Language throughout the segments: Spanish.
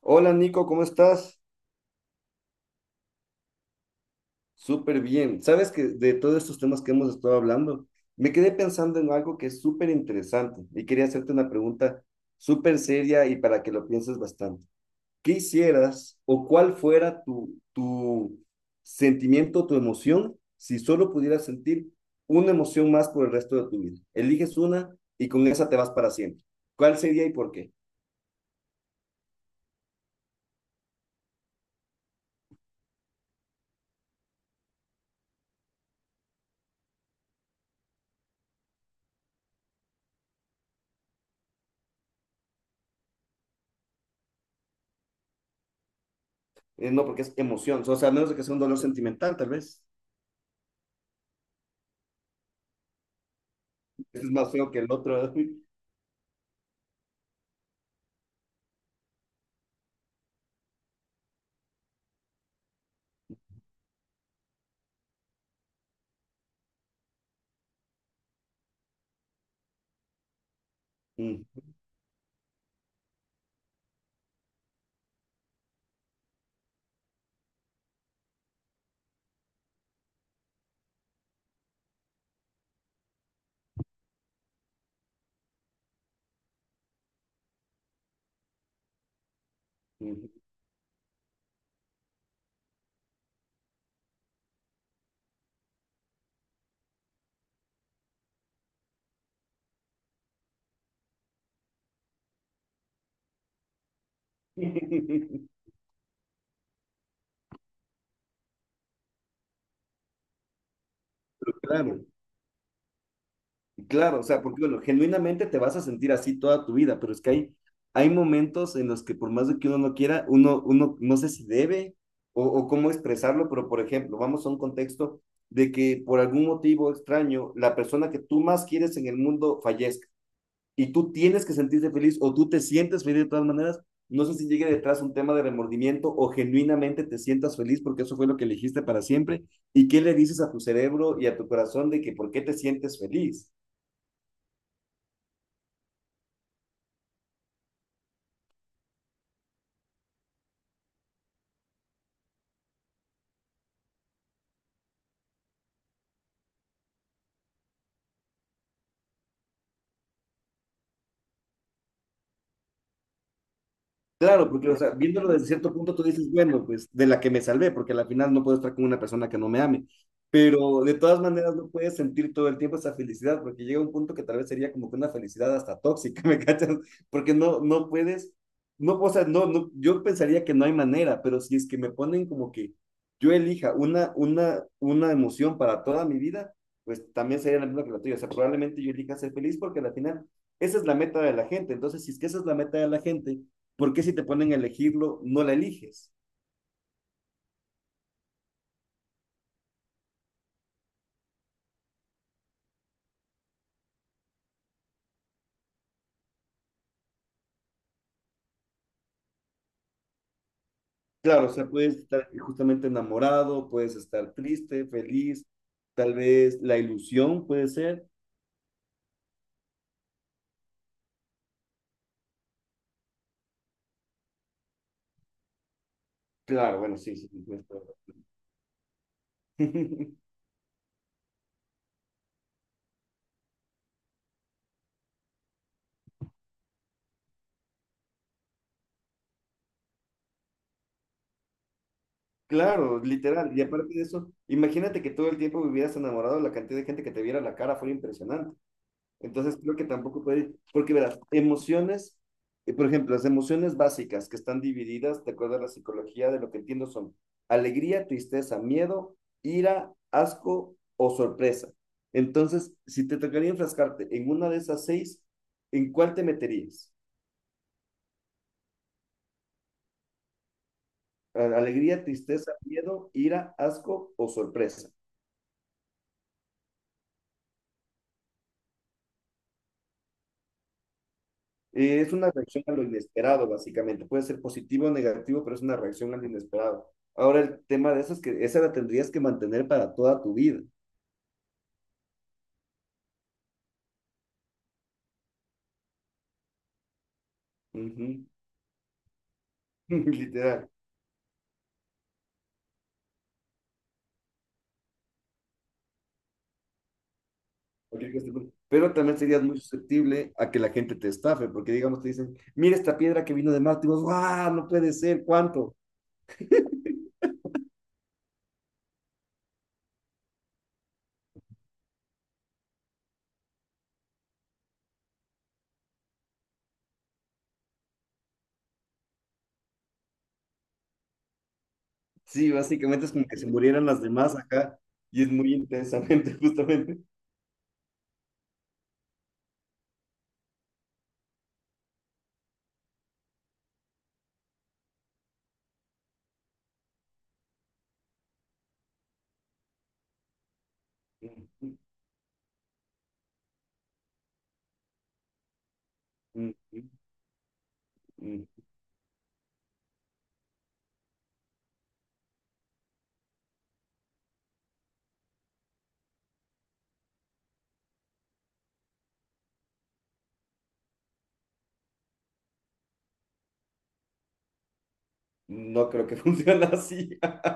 Hola Nico, ¿cómo estás? Súper bien. Sabes que de todos estos temas que hemos estado hablando, me quedé pensando en algo que es súper interesante y quería hacerte una pregunta súper seria y para que lo pienses bastante. ¿Qué hicieras o cuál fuera tu sentimiento, tu emoción, si solo pudieras sentir una emoción más por el resto de tu vida? Eliges una y con esa te vas para siempre. ¿Cuál sería y por qué? No, porque es emoción, o sea, a menos de que sea un dolor sentimental, tal vez. Este es más feo que el otro. Mm, mm. Claro, claro, o sea, porque bueno, genuinamente te vas a sentir así toda tu vida, pero es que hay momentos en los que por más de que uno no quiera, uno no sé si debe o cómo expresarlo, pero por ejemplo, vamos a un contexto de que por algún motivo extraño, la persona que tú más quieres en el mundo fallezca. Y tú tienes que sentirte feliz o tú te sientes feliz de todas maneras, no sé si llegue detrás un tema de remordimiento o genuinamente te sientas feliz porque eso fue lo que elegiste para siempre. ¿Y qué le dices a tu cerebro y a tu corazón de que por qué te sientes feliz? Claro, porque o sea, viéndolo desde cierto punto tú dices, bueno, pues de la que me salvé, porque al final no puedo estar con una persona que no me ame, pero de todas maneras no puedes sentir todo el tiempo esa felicidad, porque llega un punto que tal vez sería como que una felicidad hasta tóxica, ¿me cachas? Porque no puedes, no, o sea, no, no, yo pensaría que no hay manera, pero si es que me ponen como que yo elija una emoción para toda mi vida, pues también sería la misma que la tuya, o sea, probablemente yo elija ser feliz porque al final esa es la meta de la gente, entonces si es que esa es la meta de la gente, ¿por qué si te ponen a elegirlo, no la eliges? Claro, o sea, puedes estar justamente enamorado, puedes estar triste, feliz, tal vez la ilusión puede ser. Claro, bueno, sí, sí, sí, sí. Claro, literal. Y aparte de eso, imagínate que todo el tiempo vivieras enamorado, la cantidad de gente que te viera la cara fue impresionante. Entonces creo que tampoco puede ir, porque verás, emociones, por ejemplo, las emociones básicas que están divididas, de acuerdo a la psicología, de lo que entiendo son alegría, tristeza, miedo, ira, asco o sorpresa. Entonces, si te tocaría enfrascarte en una de esas seis, ¿en cuál te meterías? Alegría, tristeza, miedo, ira, asco o sorpresa. Es una reacción a lo inesperado, básicamente. Puede ser positivo o negativo, pero es una reacción a lo inesperado. Ahora, el tema de eso es que esa la tendrías que mantener para toda tu vida. Ujú. Literal. Cualquier cosa. Pero también serías muy susceptible a que la gente te estafe, porque digamos te dicen, mira esta piedra que vino de Marte, y vos, ¡guau! No puede ser, ¿cuánto? Sí, básicamente es como que se murieran las demás acá, y es muy intensamente, justamente. Ujú, ujú, ujú. No creo que funcione así.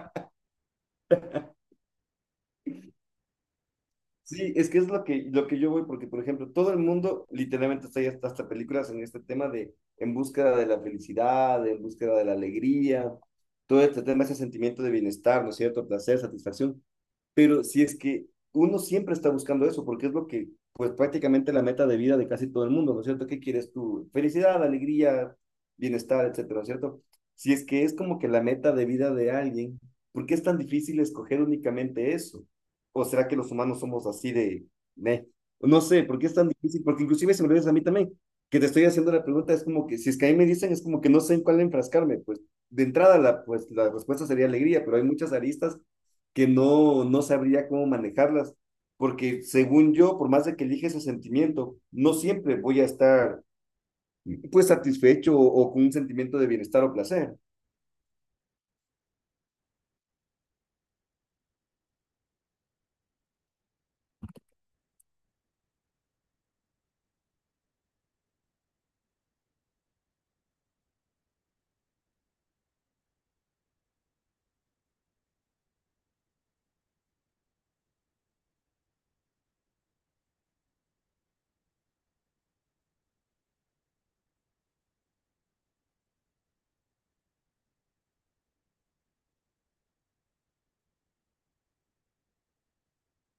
Sí, es que es lo que yo voy, porque por ejemplo, todo el mundo literalmente está ya hasta, hasta películas en este tema de en búsqueda de la felicidad, en búsqueda de la alegría, todo este tema, ese sentimiento de bienestar, ¿no es cierto? Placer, satisfacción. Pero si es que uno siempre está buscando eso, porque es lo que, pues prácticamente la meta de vida de casi todo el mundo, ¿no es cierto? ¿Qué quieres tú? Felicidad, alegría, bienestar, etcétera, ¿no es cierto? Si es que es como que la meta de vida de alguien, ¿por qué es tan difícil escoger únicamente eso? ¿O será que los humanos somos así de, meh? No sé, ¿por qué es tan difícil? Porque inclusive si me lo dices a mí también, que te estoy haciendo la pregunta, es como que, si es que a mí me dicen, es como que no sé en cuál enfrascarme, pues de entrada la, pues, la respuesta sería alegría, pero hay muchas aristas que no sabría cómo manejarlas, porque según yo, por más de que elige ese sentimiento, no siempre voy a estar pues satisfecho o con un sentimiento de bienestar o placer.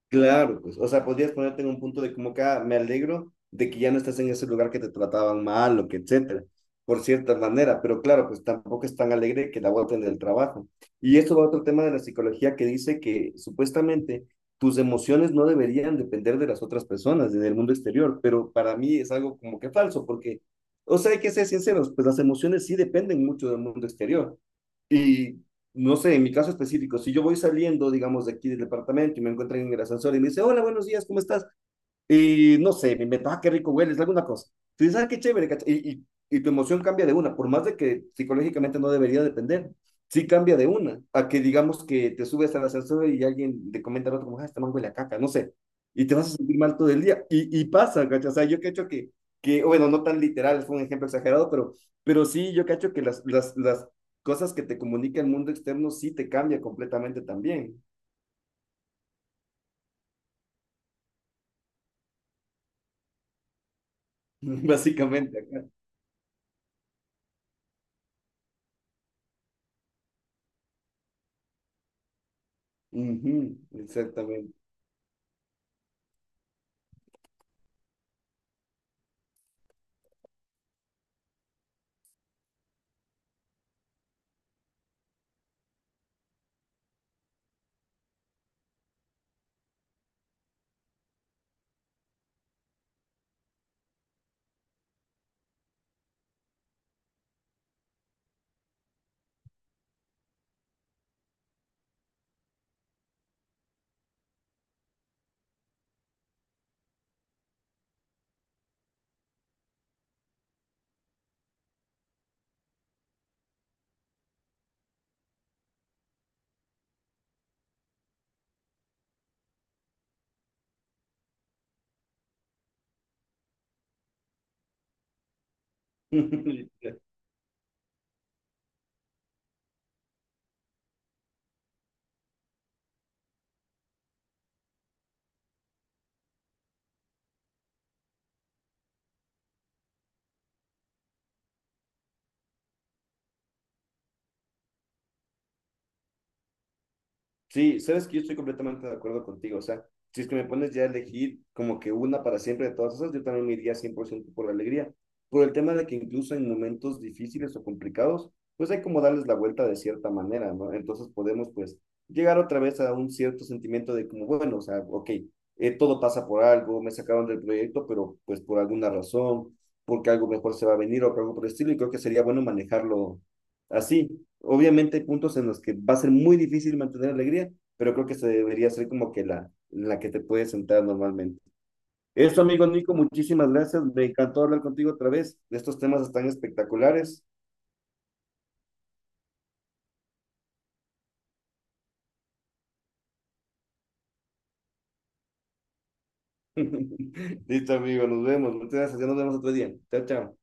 Claro, pues, o sea, podrías ponerte en un punto de como que "Ah, me alegro de que ya no estás en ese lugar que te trataban mal o que etcétera, por cierta manera, pero claro, pues tampoco es tan alegre que la boten del trabajo. Y esto va a otro tema de la psicología que dice que supuestamente tus emociones no deberían depender de las otras personas en el mundo exterior, pero para mí es algo como que falso, porque, o sea, hay que ser sinceros, pues las emociones sí dependen mucho del mundo exterior. Y no sé, en mi caso específico, si yo voy saliendo, digamos, de aquí del departamento y me encuentran en el ascensor y me dice, hola, buenos días, ¿cómo estás? Y no sé, me invento, ah, qué rico hueles, alguna cosa. Tú dices, ah, qué chévere, y, y tu emoción cambia de una, por más de que psicológicamente no debería depender, sí cambia de una, a que digamos que te subes al ascensor y alguien te comenta al otro, como, ah, este man huele a caca, no sé, y te vas a sentir mal todo el día. Y pasa, ¿cachai? O sea, yo cacho que, bueno, no tan literal, fue un ejemplo exagerado, pero sí, yo cacho que las cosas que te comunica el mundo externo sí te cambia completamente también, básicamente acá. Ujú, exactamente. Sí, sabes que yo estoy completamente de acuerdo contigo. O sea, si es que me pones ya a elegir como que una para siempre de todas esas, yo también me iría 100% por ciento por la alegría. Por el tema de que incluso en momentos difíciles o complicados, pues hay como darles la vuelta de cierta manera, ¿no? Entonces podemos pues llegar otra vez a un cierto sentimiento de como, bueno, o sea, ok, todo pasa por algo, me sacaron del proyecto, pero pues por alguna razón, porque algo mejor se va a venir o algo por el estilo, y creo que sería bueno manejarlo así. Obviamente hay puntos en los que va a ser muy difícil mantener alegría, pero creo que se debería ser como que la que te puedes sentar normalmente. Eso, amigo Nico, muchísimas gracias. Me encantó hablar contigo otra vez. Estos temas están espectaculares. Listo, amigo, nos vemos. Muchas gracias. Ya nos vemos otro día. Chao, chao.